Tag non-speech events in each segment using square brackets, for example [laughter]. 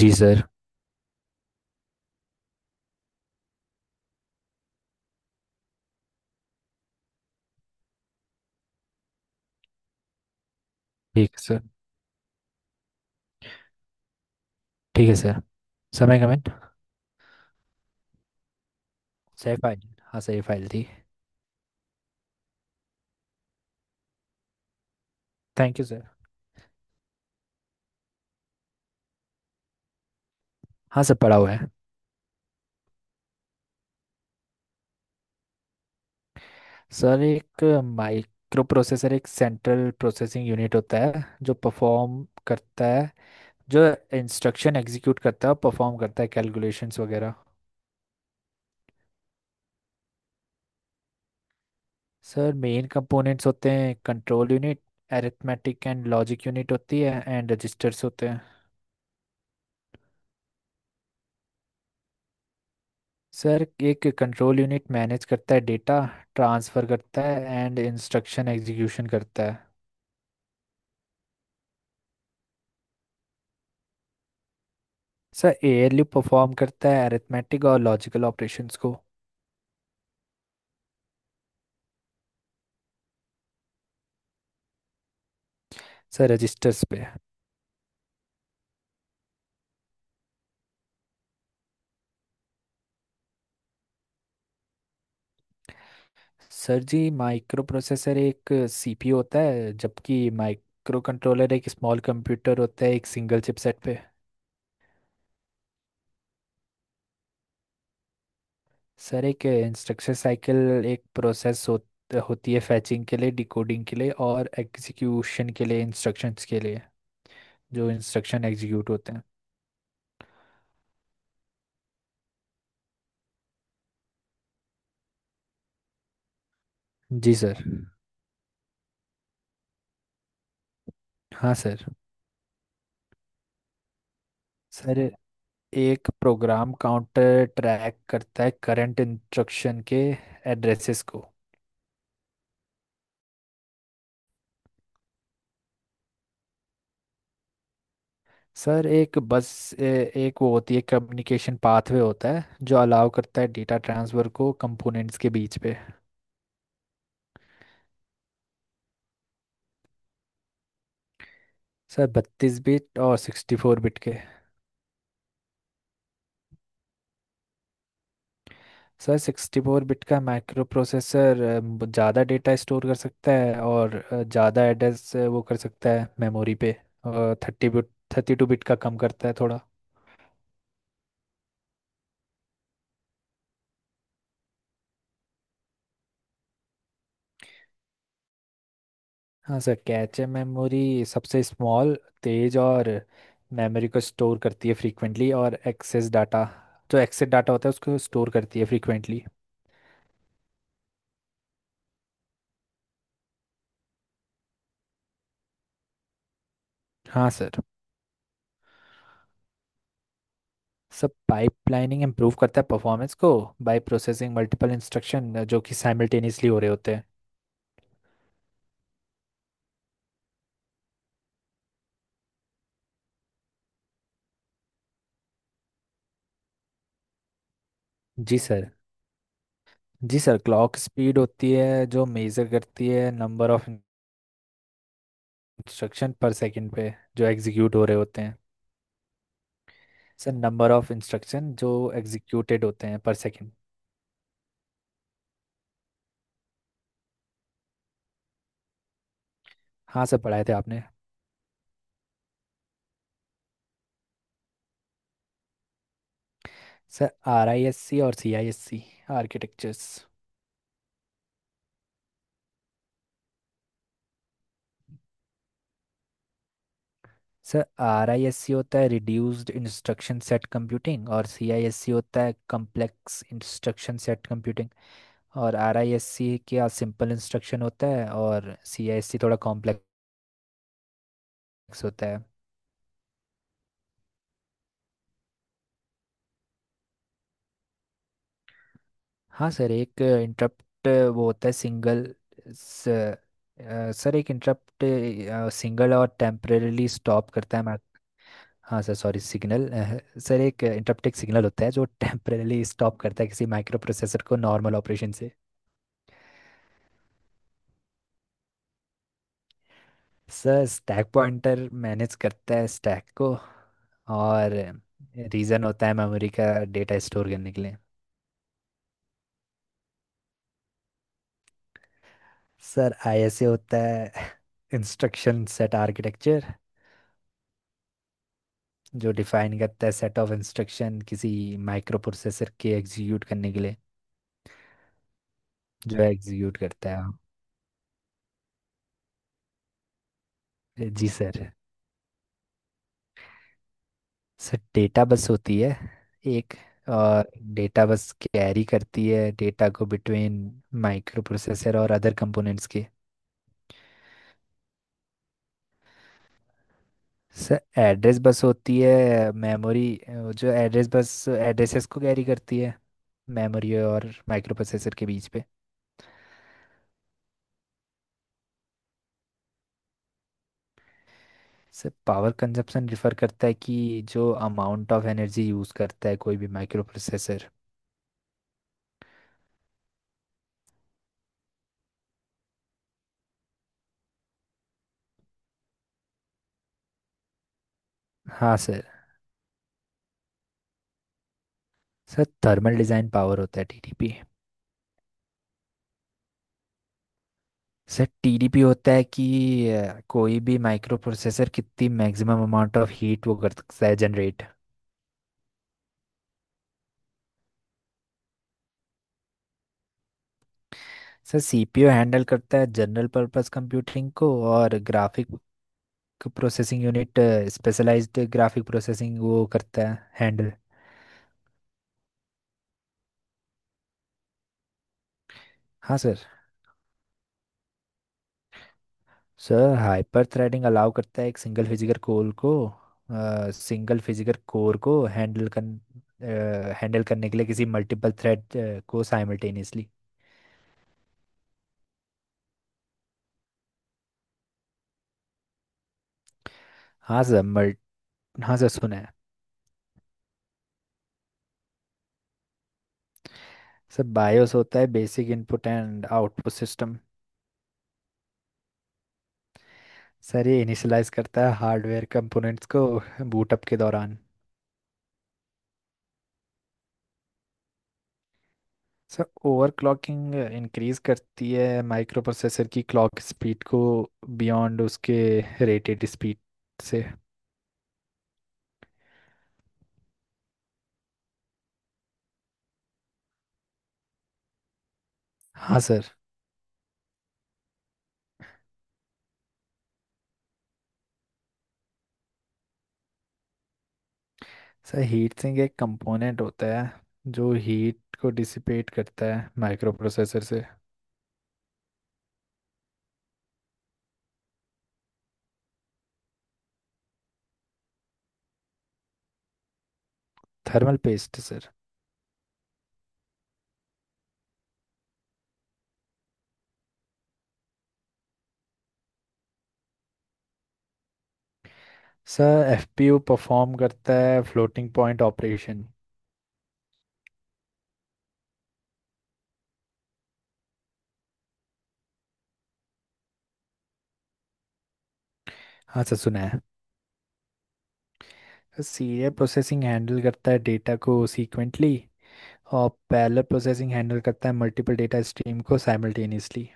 जी sir. ठीक है sir. ठीक है सर। समय कमेंट। सही फाइल। हाँ सही फाइल थी। Thank you sir. हाँ सर पड़ा हुआ है। सर एक माइक्रो प्रोसेसर एक सेंट्रल प्रोसेसिंग यूनिट होता है जो परफॉर्म करता है जो इंस्ट्रक्शन एग्जीक्यूट करता है और परफॉर्म करता है कैलकुलेशंस वगैरह। सर मेन कंपोनेंट्स होते हैं control unit, arithmetic and logic unit होती है एंड रजिस्टर्स होते हैं। सर एक कंट्रोल यूनिट मैनेज करता है डेटा, ट्रांसफ़र करता है एंड इंस्ट्रक्शन एग्जीक्यूशन करता है। सर ALU परफॉर्म करता है अरिथमेटिक और लॉजिकल ऑपरेशंस को। सर रजिस्टर्स पे। सर जी माइक्रो प्रोसेसर एक CPU होता है जबकि माइक्रो कंट्रोलर एक स्मॉल कंप्यूटर होता है एक सिंगल चिपसेट पे। सर एक इंस्ट्रक्शन साइकिल एक प्रोसेस होती है फैचिंग के लिए, डिकोडिंग के लिए और एग्जीक्यूशन के लिए इंस्ट्रक्शंस के लिए, जो इंस्ट्रक्शन एग्जीक्यूट होते हैं। जी सर। हाँ सर। सर एक प्रोग्राम काउंटर ट्रैक करता है करंट इंस्ट्रक्शन के एड्रेसेस को। सर एक बस एक वो होती है, कम्युनिकेशन पाथवे होता है जो अलाउ करता है डेटा ट्रांसफर को कंपोनेंट्स के बीच पे। सर 32 बिट और 64 बिट के। सर 64 बिट का माइक्रो प्रोसेसर ज़्यादा डेटा स्टोर कर सकता है और ज़्यादा एड्रेस वो कर सकता है मेमोरी पे। और 32 बिट का कम करता है थोड़ा। हाँ सर, कैचे मेमोरी सबसे स्मॉल, तेज और मेमोरी को स्टोर करती है फ्रीक्वेंटली और एक्सेस डाटा, जो एक्सेस डाटा होता है उसको स्टोर करती है फ्रीक्वेंटली। हाँ सर। सब पाइपलाइनिंग इम्प्रूव करता है परफॉर्मेंस को बाय प्रोसेसिंग मल्टीपल इंस्ट्रक्शन जो कि साइमल्टेनियसली हो रहे होते हैं। जी सर। जी सर, क्लॉक स्पीड होती है जो मेजर करती है number of instruction per second पे जो एग्जीक्यूट हो रहे होते हैं। सर नंबर ऑफ इंस्ट्रक्शन जो एग्जीक्यूटेड होते हैं पर सेकंड। हाँ सर पढ़ाए थे आपने। सर RISC और CISC आर्किटेक्चर्स। सर RISC होता है रिड्यूस्ड इंस्ट्रक्शन सेट कंप्यूटिंग और CISC होता है कॉम्प्लेक्स इंस्ट्रक्शन सेट कंप्यूटिंग। और RISC क्या सिंपल इंस्ट्रक्शन होता है और CISC थोड़ा कॉम्प्लेक्स होता है। हाँ सर, एक इंटरप्ट वो होता है सिंगल सर एक इंटरप्ट सिंगल और टेम्परेली स्टॉप करता है। हाँ सर, सॉरी, सिग्नल। सर एक इंटरप्ट एक सिग्नल होता है जो टेम्परेली स्टॉप करता है किसी माइक्रो प्रोसेसर को नॉर्मल ऑपरेशन से। सर स्टैक पॉइंटर मैनेज करता है स्टैक को, और रीज़न होता है मेमोरी का डेटा स्टोर करने के लिए। सर ISA होता है [laughs] इंस्ट्रक्शन सेट आर्किटेक्चर, जो डिफाइन करता है सेट ऑफ इंस्ट्रक्शन किसी माइक्रो प्रोसेसर के एग्जीक्यूट करने के लिए, जो एग्जीक्यूट करता है। जी सर। सर डेटा बस होती है एक, और डेटा बस कैरी करती है डेटा को बिटवीन माइक्रो प्रोसेसर और अदर कंपोनेंट्स के। सर एड्रेस बस होती है मेमोरी, जो एड्रेस बस एड्रेसेस को कैरी करती है मेमोरी और माइक्रो प्रोसेसर के बीच पे। सर पावर कंजप्शन रिफर करता है कि जो अमाउंट ऑफ एनर्जी यूज़ करता है कोई भी माइक्रो प्रोसेसर। हाँ sir. Sir thermal design power होता है TTP। सर TDP होता है कि कोई भी माइक्रो प्रोसेसर कितनी मैक्सिमम अमाउंट ऑफ हीट वो कर सकता है जनरेट। सर सीपीयू हैंडल करता है जनरल पर्पस कंप्यूटिंग को और graphic processing unit specialized graphic processing वो करता है हैंडल। हाँ sir. Sir hyper threading allow करता है एक सिंगल फिजिकल कोर को सिंगल फिजिकल कोर को हैंडल कर हैंडल करने के लिए किसी मल्टीपल थ्रेड को साइमल्टेनियसली। हाँ सर मल्ट हाँ सर सुना है। सर बायोस होता है basic input and output system. Sir ये इनिशियलाइज करता है हार्डवेयर कंपोनेंट्स को बूटअप के दौरान। सर ओवरक्लॉकिंग इंक्रीज करती है माइक्रो प्रोसेसर की क्लॉक स्पीड को बियॉन्ड उसके रेटेड स्पीड से। हाँ सर। सर हीट सिंक एक कंपोनेंट होता है जो हीट को डिसिपेट करता है माइक्रो प्रोसेसर से। Thermal paste sir. Sir FPU perform करता है फ्लोटिंग पॉइंट ऑपरेशन। हाँ सर सुना है। सीरियल प्रोसेसिंग हैंडल करता है डेटा को सीक्वेंटली और पैरेलल प्रोसेसिंग हैंडल करता है मल्टीपल डेटा स्ट्रीम को साइमल्टेनियसली।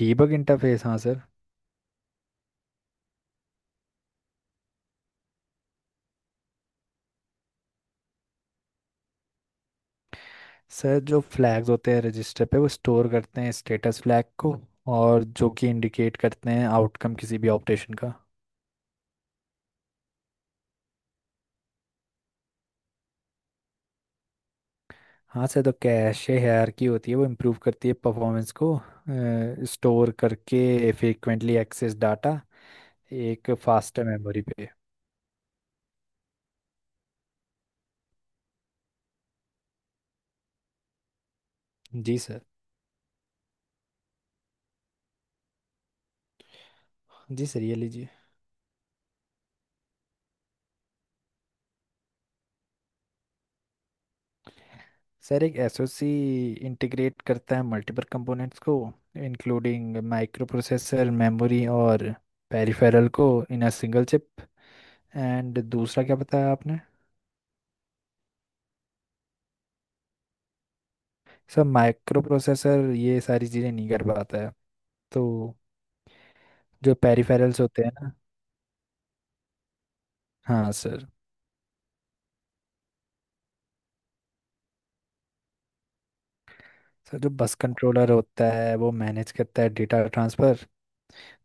डीबग इंटरफेस, हाँ सर। सर जो फ्लैग्स होते हैं रजिस्टर पे वो स्टोर करते हैं स्टेटस फ्लैग को, और जो कि इंडिकेट करते हैं आउटकम किसी भी ऑपरेशन का। हाँ सर, तो कैशे हायरार्की होती है वो इम्प्रूव करती है परफॉर्मेंस को स्टोर करके फ्रीक्वेंटली एक्सेस डाटा एक फास्टर मेमोरी पे। जी सर। जी सर, ये लीजिए। सर एक SoC इंटीग्रेट करता है मल्टीपल कंपोनेंट्स को इंक्लूडिंग माइक्रो प्रोसेसर, मेमोरी और पेरिफेरल को in a single chip. And दूसरा क्या बताया आपने? सर माइक्रो प्रोसेसर ये सारी चीज़ें नहीं कर पाता है तो। जो पेरिफेरल्स होते हैं ना। हाँ सर। सर जो बस कंट्रोलर होता है वो मैनेज करता है डेटा ट्रांसफ़र,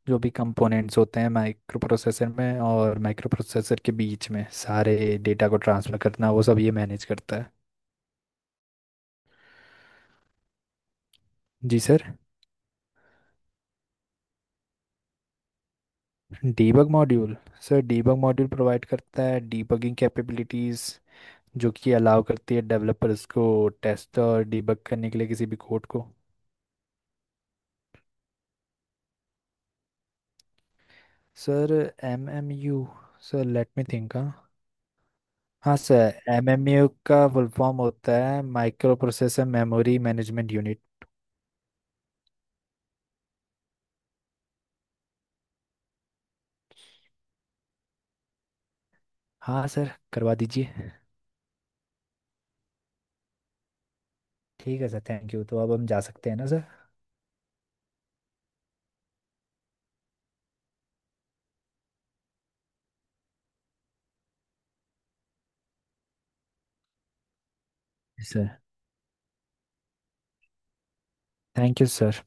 जो भी कंपोनेंट्स होते हैं माइक्रो प्रोसेसर में और माइक्रो प्रोसेसर के बीच में सारे डेटा को ट्रांसफ़र करना वो सब ये मैनेज करता है। जी sir. Debug module. Sir debug module provide करता है डीबगिंग कैपेबिलिटीज़ जो कि अलाउ करती है डेवलपर्स को टेस्ट और डीबग करने के लिए किसी भी कोड को। Sir MMU, sir let me think, हाँ। हाँ सर, MMU का फुल फॉर्म होता है microprocessor memory management unit. हाँ सर करवा दीजिए। ठीक है सर, थैंक यू। तो अब हम जा सकते हैं ना सर? जी सर, थैंक यू सर।